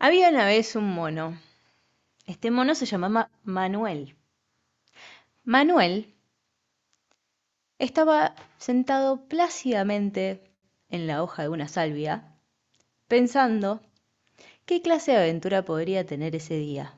Había una vez un mono. Este mono se llamaba Manuel. Manuel estaba sentado plácidamente en la hoja de una salvia, pensando qué clase de aventura podría tener ese día.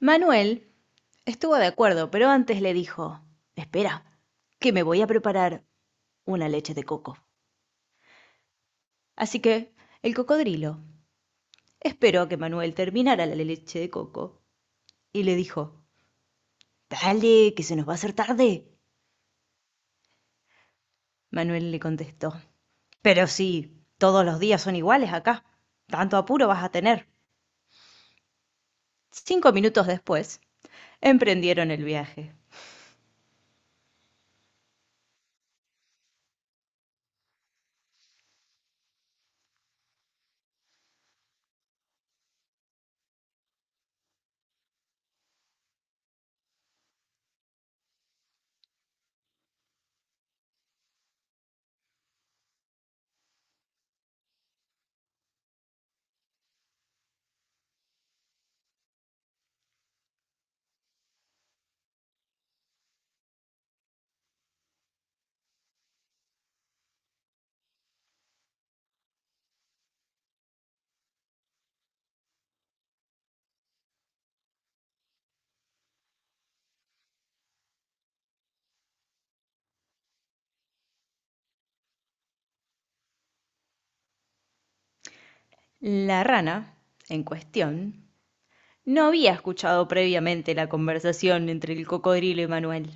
Manuel estuvo de acuerdo, pero antes le dijo, espera, que me voy a preparar una leche de coco. Así que el cocodrilo esperó a que Manuel terminara la leche de coco y le dijo, dale, que se nos va a hacer tarde. Manuel le contestó. Pero si todos los días son iguales acá, ¿tanto apuro vas a tener? 5 minutos después, emprendieron el viaje. La rana, en cuestión, no había escuchado previamente la conversación entre el cocodrilo y Manuel,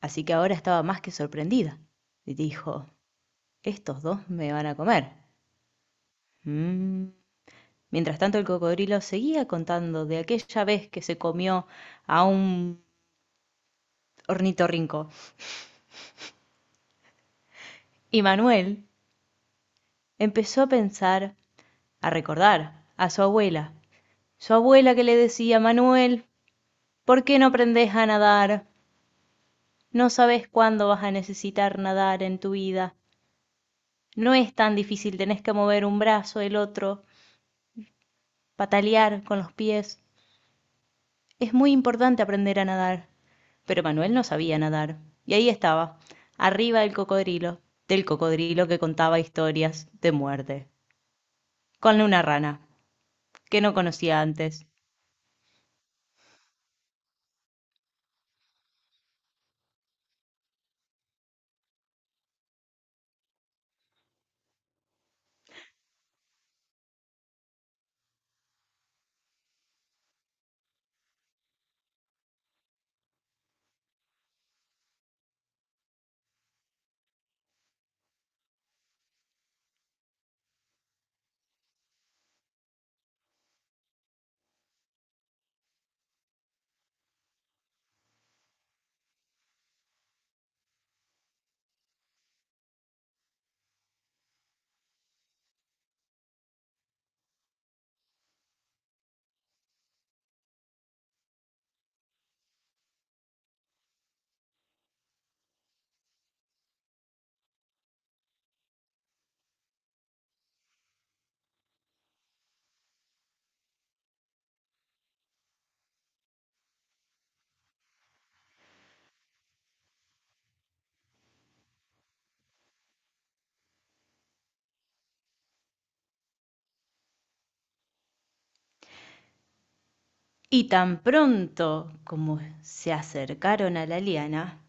así que ahora estaba más que sorprendida. Y dijo, estos dos me van a comer. Mm. Mientras tanto, el cocodrilo seguía contando de aquella vez que se comió a un ornitorrinco. Y Manuel empezó a pensar, a recordar, a su abuela. Su abuela que le decía, Manuel, ¿por qué no aprendes a nadar? No sabes cuándo vas a necesitar nadar en tu vida. No es tan difícil, tenés que mover un brazo, el otro, patalear con los pies. Es muy importante aprender a nadar. Pero Manuel no sabía nadar. Y ahí estaba, arriba del cocodrilo que contaba historias de muerte, con una rana que no conocía antes. Y tan pronto como se acercaron a la liana,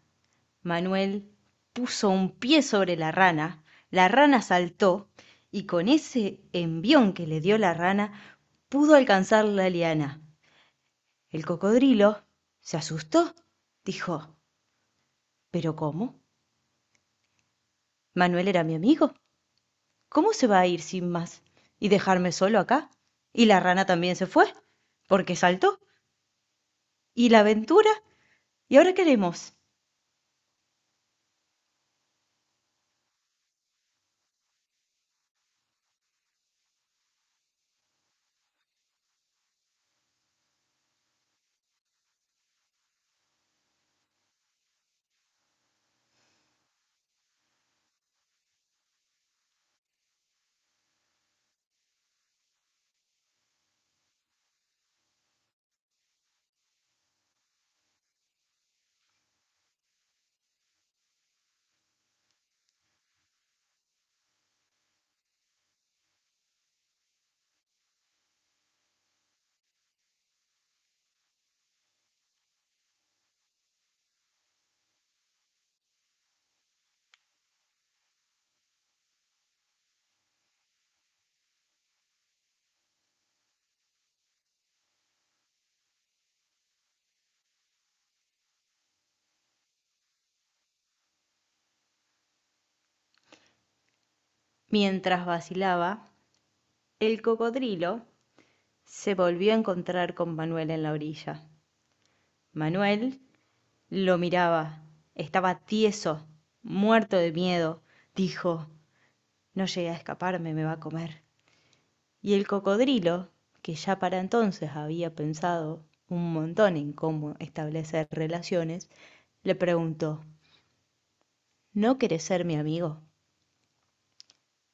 Manuel puso un pie sobre la rana saltó y con ese envión que le dio la rana pudo alcanzar la liana. El cocodrilo se asustó, dijo, ¿pero cómo? Manuel era mi amigo. ¿Cómo se va a ir sin más y dejarme solo acá? Y la rana también se fue, porque saltó. ¿Y la aventura? ¿Y ahora qué haremos? Mientras vacilaba, el cocodrilo se volvió a encontrar con Manuel en la orilla. Manuel lo miraba. Estaba tieso, muerto de miedo. Dijo, no llegué a escaparme, me va a comer. Y el cocodrilo, que ya para entonces había pensado un montón en cómo establecer relaciones, le preguntó, ¿no querés ser mi amigo?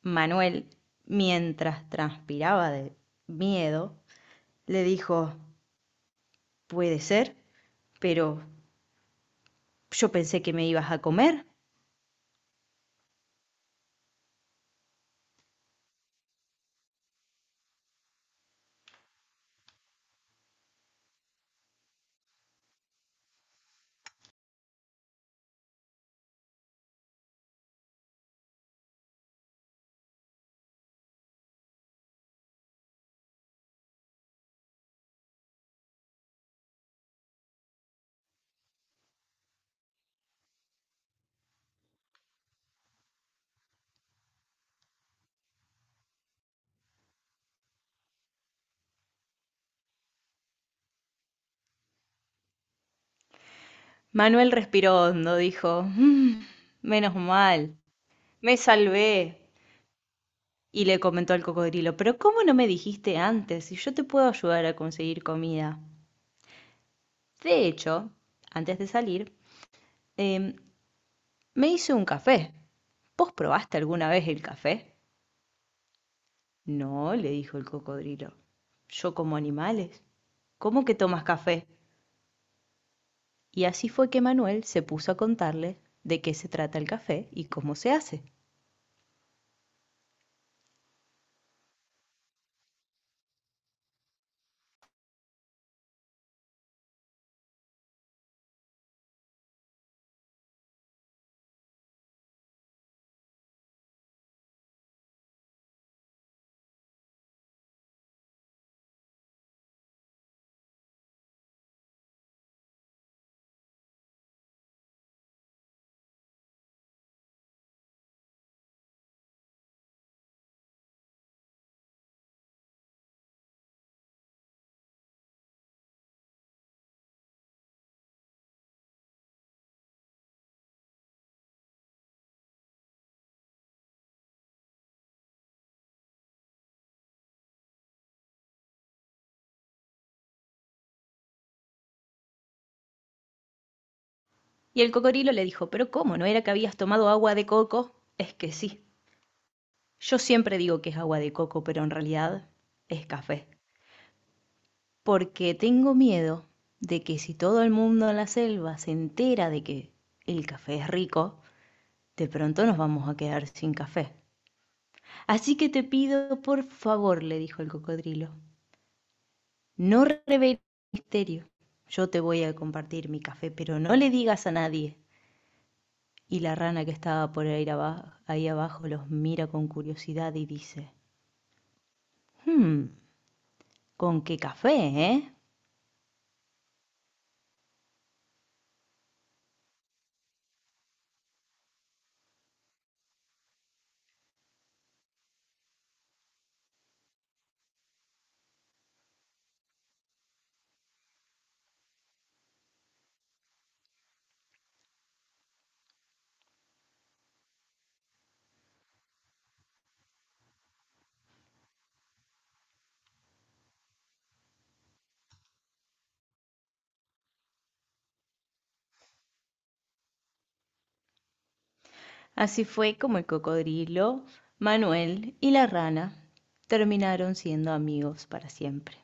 Manuel, mientras transpiraba de miedo, le dijo, puede ser, pero yo pensé que me ibas a comer. Manuel respiró hondo, dijo, "Mm, menos mal, me salvé". Y le comentó al cocodrilo, pero ¿cómo no me dijiste antes si yo te puedo ayudar a conseguir comida? De hecho, antes de salir, em, me hice un café. ¿Vos probaste alguna vez el café? No, le dijo el cocodrilo. Yo como animales. ¿Cómo que tomas café? Y así fue que Manuel se puso a contarle de qué se trata el café y cómo se hace. Y el cocodrilo le dijo, pero ¿cómo? ¿No era que habías tomado agua de coco? Es que sí. Yo siempre digo que es agua de coco, pero en realidad es café. Porque tengo miedo de que si todo el mundo en la selva se entera de que el café es rico, de pronto nos vamos a quedar sin café. Así que te pido, por favor, le dijo el cocodrilo, no reveles el misterio. Yo te voy a compartir mi café, pero no le digas a nadie. Y la rana que estaba por ahí abajo los mira con curiosidad y dice, "Hmm, ¿con qué café, eh?". Así fue como el cocodrilo, Manuel y la rana terminaron siendo amigos para siempre.